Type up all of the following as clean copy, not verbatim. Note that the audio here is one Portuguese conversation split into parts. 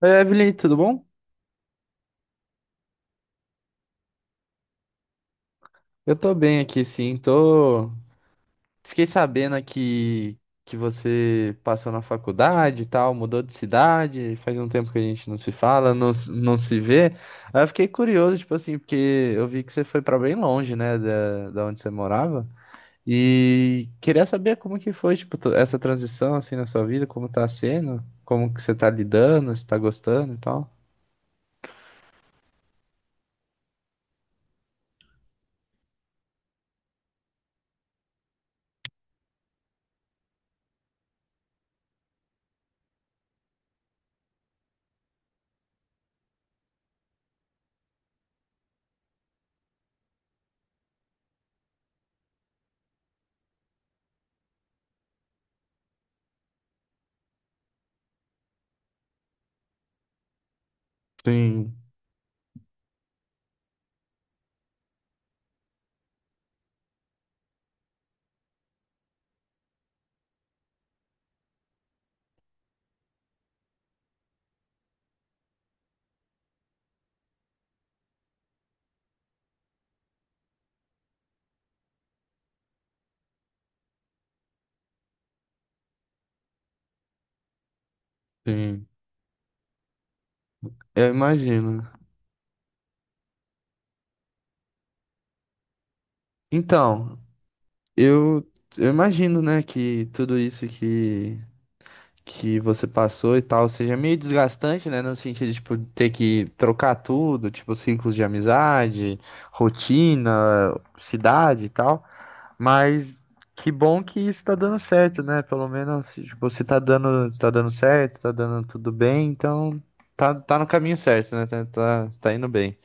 Oi, Evelyn, tudo bom? Eu tô bem aqui, sim. Tô... Fiquei sabendo que você passou na faculdade e tal, mudou de cidade, faz um tempo que a gente não se fala, não se vê. Aí eu fiquei curioso, tipo assim, porque eu vi que você foi pra bem longe, né, da onde você morava. E queria saber como que foi, tipo, essa transição, assim, na sua vida, como tá sendo, como que você tá lidando, se tá gostando e tal. Sim, sim. Eu imagino. Então, Eu, eu imagino, né, que tudo isso que você passou e tal seja meio desgastante, né, no sentido de, tipo, ter que trocar tudo, tipo, ciclos de amizade, rotina, cidade e tal. Mas que bom que isso tá dando certo, né? Pelo menos, tipo, se tá dando, tá dando certo, tá dando tudo bem, então tá no caminho certo, né? Tá indo bem.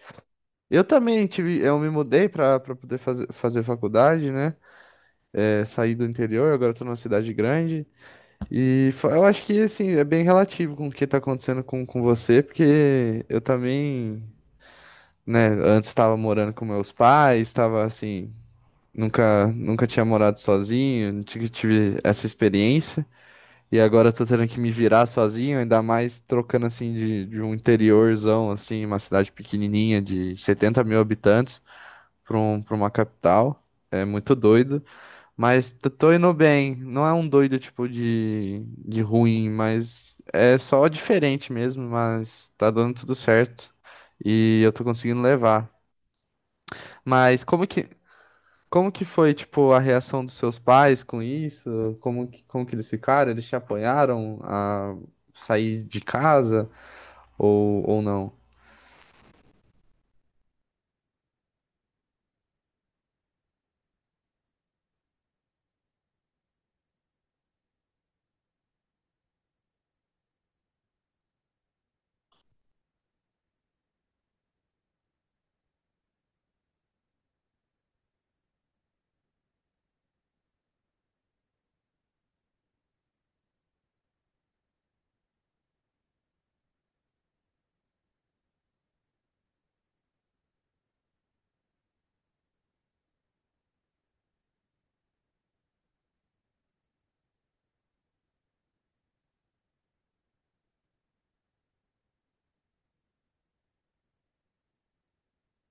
Eu também tive, eu me mudei pra poder fazer faculdade, né? É, saí do interior, agora tô numa cidade grande. Eu acho que, assim, é bem relativo com o que tá acontecendo com você, porque eu também, né, antes estava morando com meus pais, estava assim, nunca tinha morado sozinho, não tive, tive essa experiência. E agora eu tô tendo que me virar sozinho, ainda mais trocando, assim, de um interiorzão, assim, uma cidade pequenininha de 70 mil habitantes para uma capital. É muito doido. Mas tô indo bem. Não é um doido tipo de ruim, mas é só diferente mesmo. Mas tá dando tudo certo e eu tô conseguindo levar. Mas como que foi tipo a reação dos seus pais com isso? Como que eles ficaram? Eles te apoiaram a sair de casa ou não?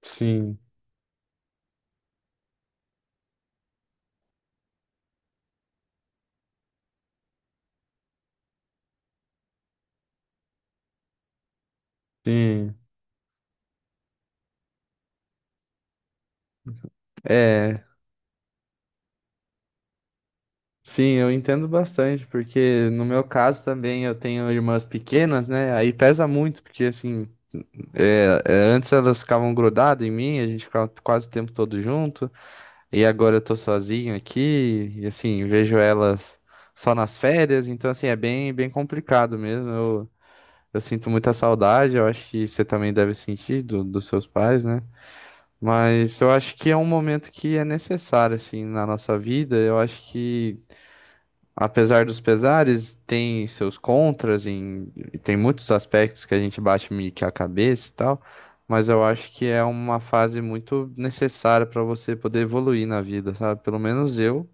Sim. Sim. É. Sim, eu entendo bastante, porque no meu caso também eu tenho irmãs pequenas, né? Aí pesa muito, porque assim, antes elas ficavam grudadas em mim, a gente ficava quase o tempo todo junto, e agora eu tô sozinho aqui, e assim, vejo elas só nas férias, então assim, é bem complicado mesmo. Eu sinto muita saudade, eu acho que você também deve sentir dos seus pais, né? Mas eu acho que é um momento que é necessário, assim, na nossa vida. Eu acho que apesar dos pesares, tem seus contras em, tem muitos aspectos que a gente bate meio que a cabeça e tal, mas eu acho que é uma fase muito necessária para você poder evoluir na vida, sabe? Pelo menos eu,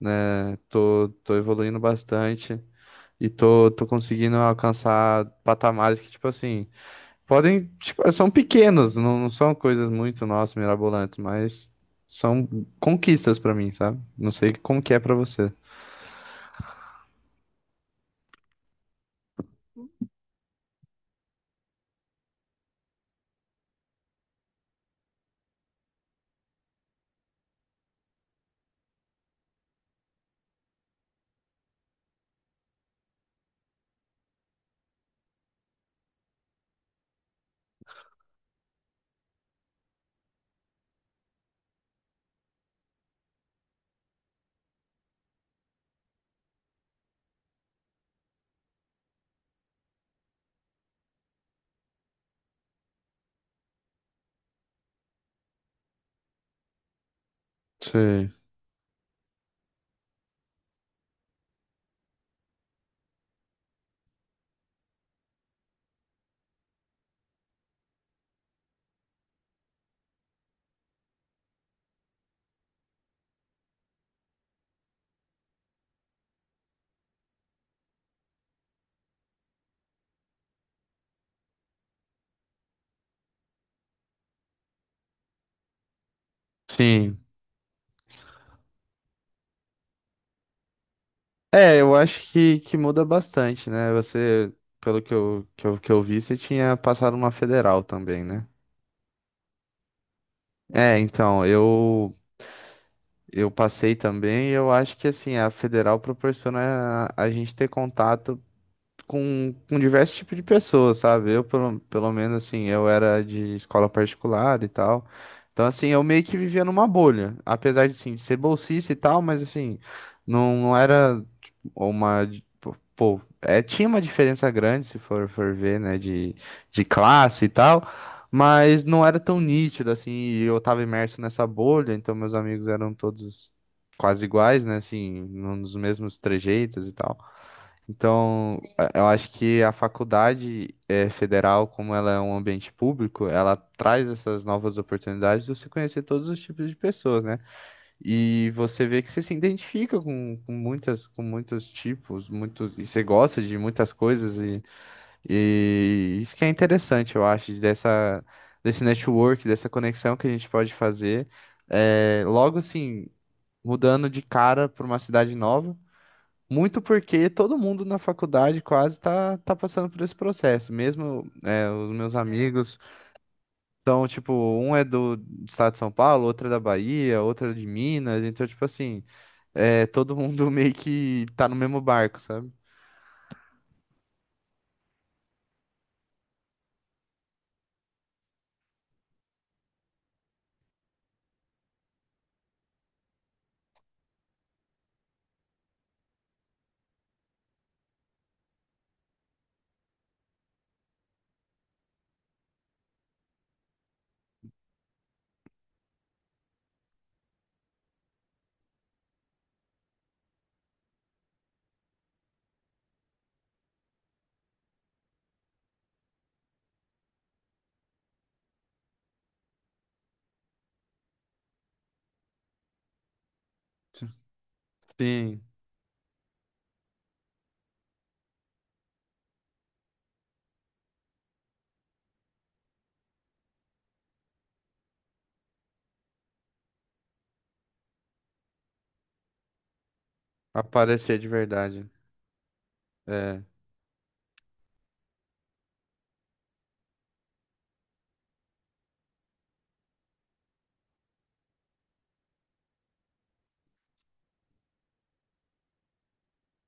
né, tô evoluindo bastante e tô conseguindo alcançar patamares que, tipo assim, podem, tipo, são pequenos, não são coisas muito, nossa, mirabolantes, mas são conquistas para mim, sabe? Não sei como que é para você. Sim. Sim, é, eu acho que muda bastante, né? Você, pelo que que eu vi, você tinha passado uma federal também, né? É, então, eu passei também e eu acho que, assim, a federal proporciona a gente ter contato com diversos tipos de pessoas, sabe? Eu, pelo menos, assim, eu era de escola particular e tal. Então, assim, eu meio que vivia numa bolha. Apesar de, assim, ser bolsista e tal, mas, assim, não era tipo, uma... Pô, é, tinha uma diferença grande, se for ver, né, de classe e tal, mas não era tão nítido, assim, e eu tava imerso nessa bolha, então meus amigos eram todos quase iguais, né, assim, nos mesmos trejeitos e tal. Então, eu acho que a faculdade federal, como ela é um ambiente público, ela traz essas novas oportunidades de você conhecer todos os tipos de pessoas, né? E você vê que você se identifica com muitas, com muitos tipos, muitos, e você gosta de muitas coisas, e isso que é interessante, eu acho, dessa, desse network, dessa conexão que a gente pode fazer. Logo assim, mudando de cara para uma cidade nova. Muito porque todo mundo na faculdade quase tá passando por esse processo. Mesmo é, os meus amigos são, tipo, um é do estado de São Paulo, outro é da Bahia, outro é de Minas. Então, tipo assim, é, todo mundo meio que tá no mesmo barco, sabe? Sim, aparecer de verdade. É,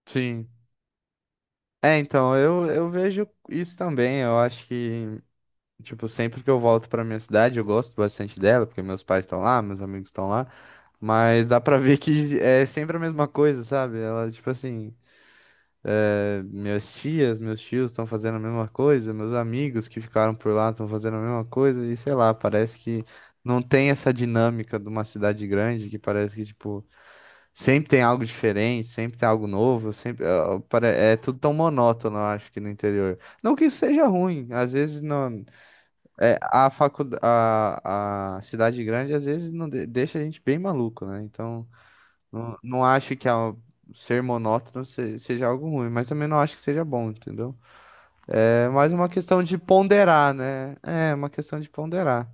sim. É, então, eu vejo isso também. Eu acho que, tipo, sempre que eu volto pra minha cidade, eu gosto bastante dela, porque meus pais estão lá, meus amigos estão lá. Mas dá pra ver que é sempre a mesma coisa, sabe? Ela, tipo assim, é, minhas tias, meus tios estão fazendo a mesma coisa, meus amigos que ficaram por lá estão fazendo a mesma coisa, e sei lá, parece que não tem essa dinâmica de uma cidade grande, que parece que, tipo, sempre tem algo diferente, sempre tem algo novo, é tudo tão monótono, eu acho, que no interior. Não que isso seja ruim, às vezes não, é, a cidade grande, às vezes não deixa a gente bem maluco, né? Então. Não, não acho que ser monótono seja algo ruim, mas também não acho que seja bom, entendeu? É mais uma questão de ponderar, né? É uma questão de ponderar.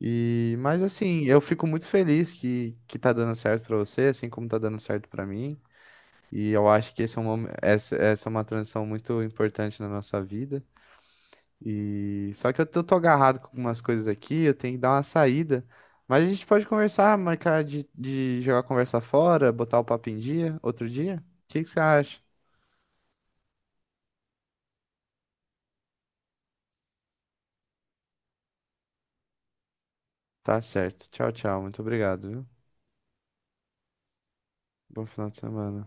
E, mas assim, eu fico muito feliz que tá dando certo pra você, assim como tá dando certo pra mim. E eu acho que esse é essa, essa é uma transição muito importante na nossa vida. E só que eu tô agarrado com algumas coisas aqui, eu tenho que dar uma saída. Mas a gente pode conversar, marcar de jogar conversa fora, botar o papo em dia, outro dia? O que que você acha? Tá certo. Tchau, tchau. Muito obrigado, viu? Bom final de semana.